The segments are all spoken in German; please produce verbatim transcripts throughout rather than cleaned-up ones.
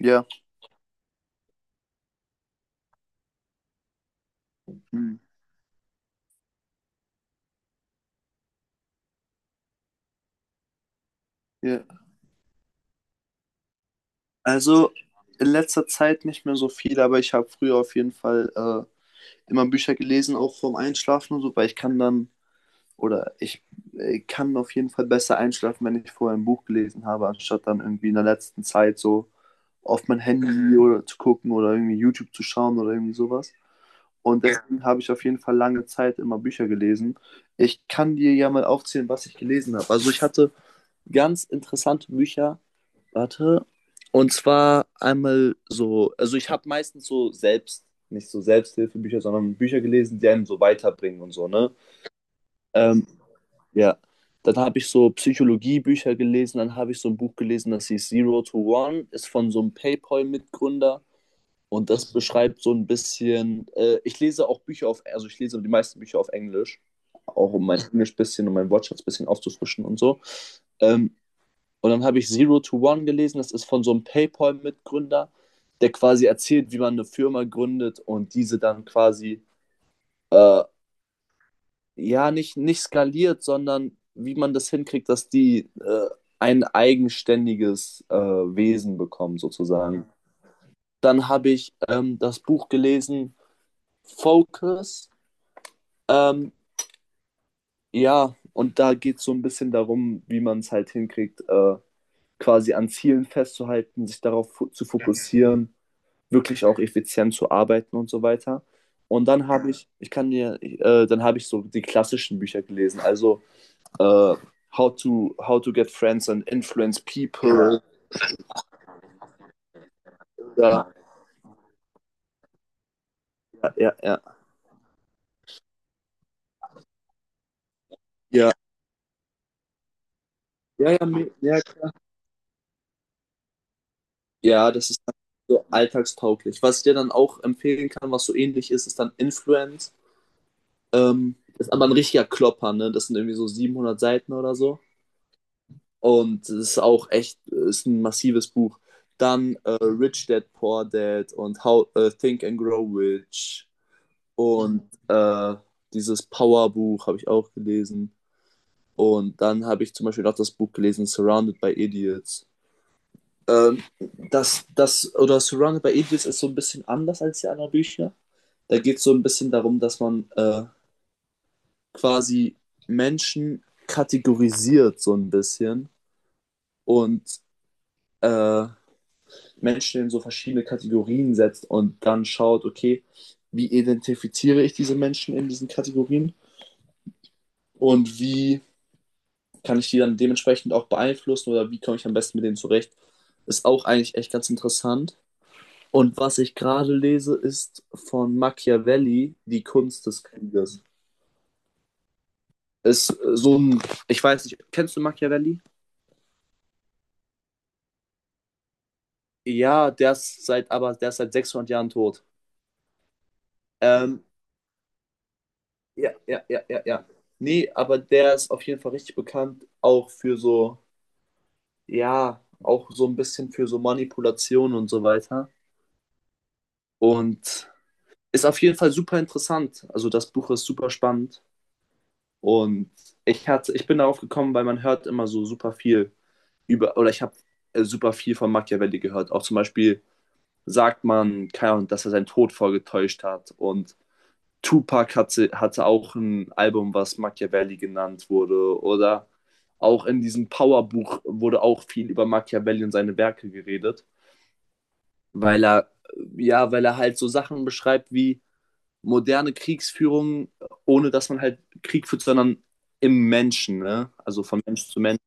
Ja. Hm. Ja. Also in letzter Zeit nicht mehr so viel, aber ich habe früher auf jeden Fall äh, immer Bücher gelesen, auch vorm Einschlafen und so, weil ich kann dann oder ich, äh, kann auf jeden Fall besser einschlafen, wenn ich vorher ein Buch gelesen habe, anstatt dann irgendwie in der letzten Zeit so auf mein Handy oder zu gucken oder irgendwie YouTube zu schauen oder irgendwie sowas. Und deswegen habe ich auf jeden Fall lange Zeit immer Bücher gelesen. Ich kann dir ja mal aufzählen, was ich gelesen habe. Also ich hatte ganz interessante Bücher. Warte. Und zwar einmal so, also ich habe meistens so selbst, nicht so Selbsthilfebücher, sondern Bücher gelesen, die einen so weiterbringen und so, ne? Ähm, ja. Dann habe ich so Psychologiebücher gelesen, dann habe ich so ein Buch gelesen, das hieß Zero to One, ist von so einem PayPal-Mitgründer, und das beschreibt so ein bisschen, äh, ich lese auch Bücher auf, also ich lese die meisten Bücher auf Englisch, auch um mein Englisch bisschen und mein Wortschatz bisschen aufzufrischen und so. Ähm, und dann habe ich Zero to One gelesen, das ist von so einem PayPal-Mitgründer, der quasi erzählt, wie man eine Firma gründet und diese dann quasi, äh, ja, nicht, nicht skaliert, sondern wie man das hinkriegt, dass die äh, ein eigenständiges äh, Wesen bekommen, sozusagen. Dann habe ich ähm, das Buch gelesen, Focus. Ähm, ja, und da geht es so ein bisschen darum, wie man es halt hinkriegt, äh, quasi an Zielen festzuhalten, sich darauf fo zu fokussieren, wirklich auch effizient zu arbeiten und so weiter. Und dann habe ich, ich kann dir, äh, dann habe ich so die klassischen Bücher gelesen, also äh, How to How to Get Friends and Influence People. Ja, ja, ja. Ja, ja, me- ja. Ja, das ist so alltagstauglich. Was ich dir dann auch empfehlen kann, was so ähnlich ist, ist dann Influence. Ähm, ist aber ein richtiger Klopper, ne? Das sind irgendwie so siebenhundert Seiten oder so. Und es ist auch echt, ist ein massives Buch. Dann äh, Rich Dad Poor Dad und How äh, Think and Grow Rich und äh, dieses Power Buch habe ich auch gelesen. Und dann habe ich zum Beispiel auch das Buch gelesen, Surrounded by Idiots. Ähm, das, das, oder Surrounded by Idiots ist so ein bisschen anders als die anderen Bücher. Da geht es so ein bisschen darum, dass man äh, quasi Menschen kategorisiert, so ein bisschen. Und äh, Menschen in so verschiedene Kategorien setzt und dann schaut, okay, wie identifiziere ich diese Menschen in diesen Kategorien und wie kann ich die dann dementsprechend auch beeinflussen oder wie komme ich am besten mit denen zurecht, ist auch eigentlich echt ganz interessant. Und was ich gerade lese, ist von Machiavelli, Die Kunst des Krieges. Ist so ein, ich weiß nicht, kennst du Machiavelli? Ja, der ist seit, aber der ist seit sechshundert Jahren tot. Ähm, Ja, ja, ja, ja, ja. Nee, aber der ist auf jeden Fall richtig bekannt, auch für so, ja, auch so ein bisschen für so Manipulation und so weiter. Und ist auf jeden Fall super interessant. Also das Buch ist super spannend. Und ich hatte, ich bin darauf gekommen, weil man hört immer so super viel über, oder ich habe äh, super viel von Machiavelli gehört. Auch zum Beispiel sagt man, keine Ahnung, dass er seinen Tod vorgetäuscht hat, und Tupac hatte, hatte auch ein Album, was Machiavelli genannt wurde. Oder auch in diesem Powerbuch wurde auch viel über Machiavelli und seine Werke geredet, weil er, ja, weil er halt so Sachen beschreibt wie moderne Kriegsführung, ohne dass man halt Krieg führt, sondern im Menschen, ne? Also von Mensch zu Mensch.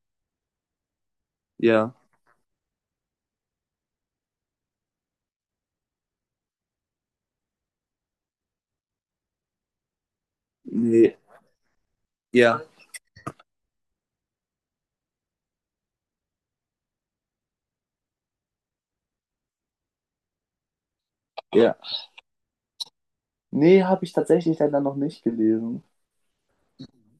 Ja. Nee, ja, ja. Nee, habe ich tatsächlich leider noch nicht gelesen.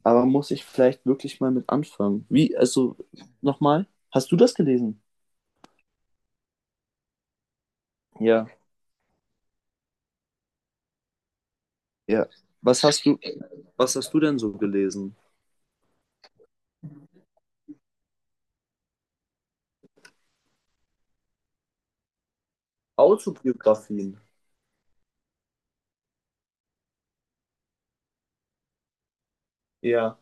Aber muss ich vielleicht wirklich mal mit anfangen? Wie, also, nochmal? Hast du das gelesen? Ja. Ja. Was hast du, was hast du denn so gelesen? Autobiografien. Ja.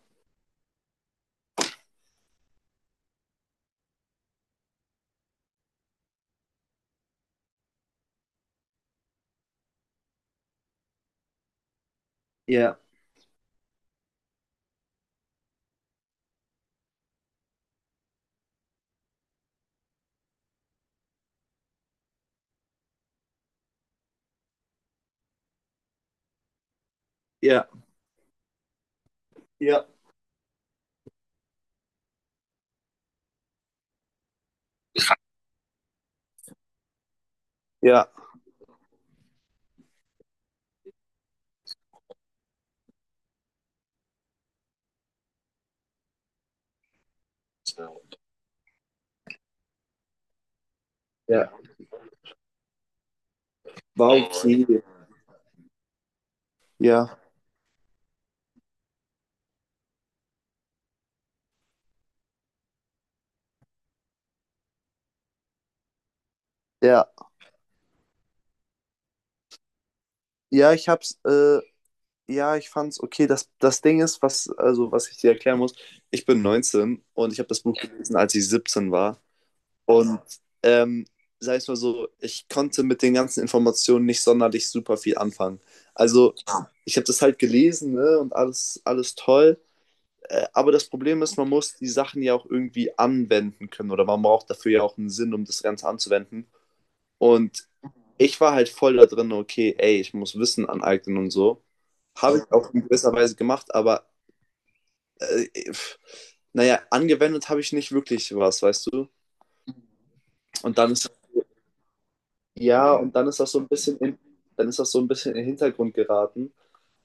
Ja, ja, ja, ja, ja. War okay. Ja, ja, ja, ich hab's, äh, ja, ich fand's okay. Das, das Ding ist, was, also, was ich dir erklären muss, ich bin neunzehn und ich habe das Buch gelesen, als ich siebzehn war. Und, ähm, sag ich mal so, ich konnte mit den ganzen Informationen nicht sonderlich super viel anfangen. Also, ich habe das halt gelesen, ne, und alles, alles toll. Äh, aber das Problem ist, man muss die Sachen ja auch irgendwie anwenden können oder man braucht dafür ja auch einen Sinn, um das Ganze anzuwenden. Und ich war halt voll da drin, okay, ey, ich muss Wissen aneignen und so. Habe ich auch in gewisser Weise gemacht, aber äh, pff, naja, angewendet habe ich nicht wirklich was, weißt du? Und dann ist, ja, und dann ist das so ein bisschen in, dann ist das so ein bisschen in den Hintergrund geraten.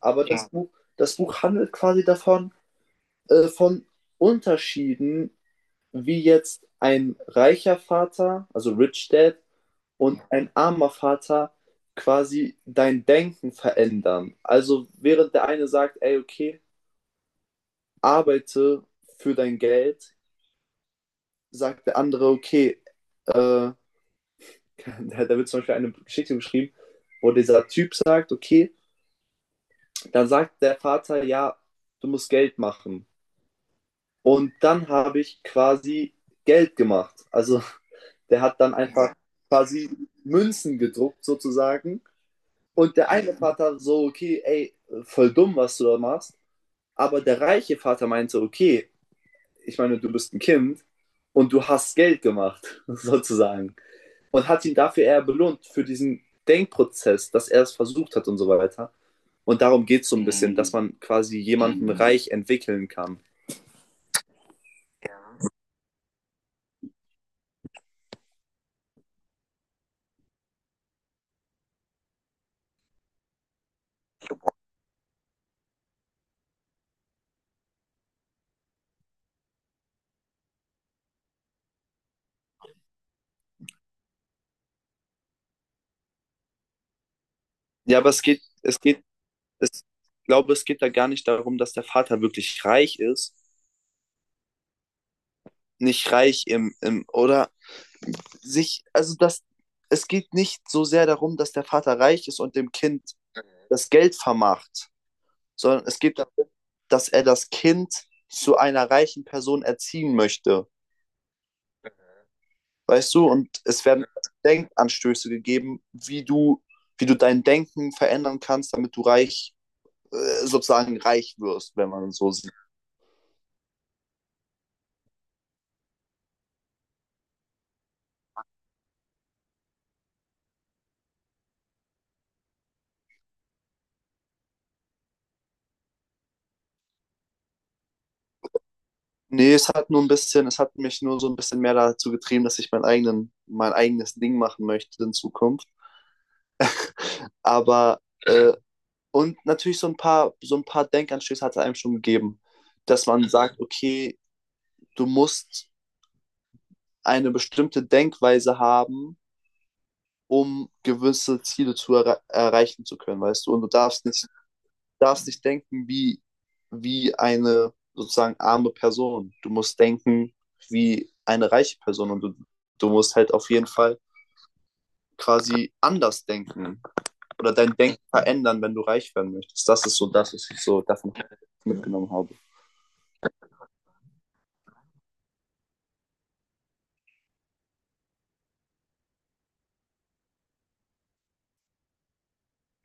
Aber das Buch, das Buch handelt quasi davon, äh, von Unterschieden, wie jetzt ein reicher Vater, also Rich Dad, und ein armer Vater quasi dein Denken verändern. Also während der eine sagt, ey, okay, arbeite für dein Geld, sagt der andere, okay, äh, da, wird zum Beispiel eine Geschichte geschrieben, wo dieser Typ sagt, okay, dann sagt der Vater, ja, du musst Geld machen. Und dann habe ich quasi Geld gemacht. Also der hat dann einfach quasi Münzen gedruckt, sozusagen. Und der eine Vater so, okay, ey, voll dumm, was du da machst. Aber der reiche Vater meinte, okay, ich meine, du bist ein Kind und du hast Geld gemacht, sozusagen. Und hat ihn dafür eher belohnt, für diesen Denkprozess, dass er es versucht hat und so weiter. Und darum geht es so ein bisschen, dass man quasi jemanden reich entwickeln kann. Ja, aber es geht, es geht es, ich glaube, es geht da gar nicht darum, dass der Vater wirklich reich ist. Nicht reich im, im oder sich, also das, es geht nicht so sehr darum, dass der Vater reich ist und dem Kind das Geld vermacht, sondern es geht darum, dass er das Kind zu einer reichen Person erziehen möchte. Weißt du, und es werden Denkanstöße gegeben, wie du, wie du dein Denken verändern kannst, damit du reich, äh, sozusagen reich wirst, wenn man so sieht. Nee, es hat nur ein bisschen, es hat mich nur so ein bisschen mehr dazu getrieben, dass ich meinen eigenen, mein eigenes Ding machen möchte in Zukunft. Aber äh, und natürlich so ein paar, so ein paar Denkanstöße hat es einem schon gegeben, dass man sagt, okay, du musst eine bestimmte Denkweise haben, um gewisse Ziele zu erre erreichen zu können, weißt du? Und du darfst nicht darfst nicht denken wie, wie eine sozusagen arme Person. Du musst denken wie eine reiche Person und du, du musst halt auf jeden Fall quasi anders denken oder dein Denken verändern, wenn du reich werden möchtest. Das ist so das, was ich so davon mitgenommen habe. Ja.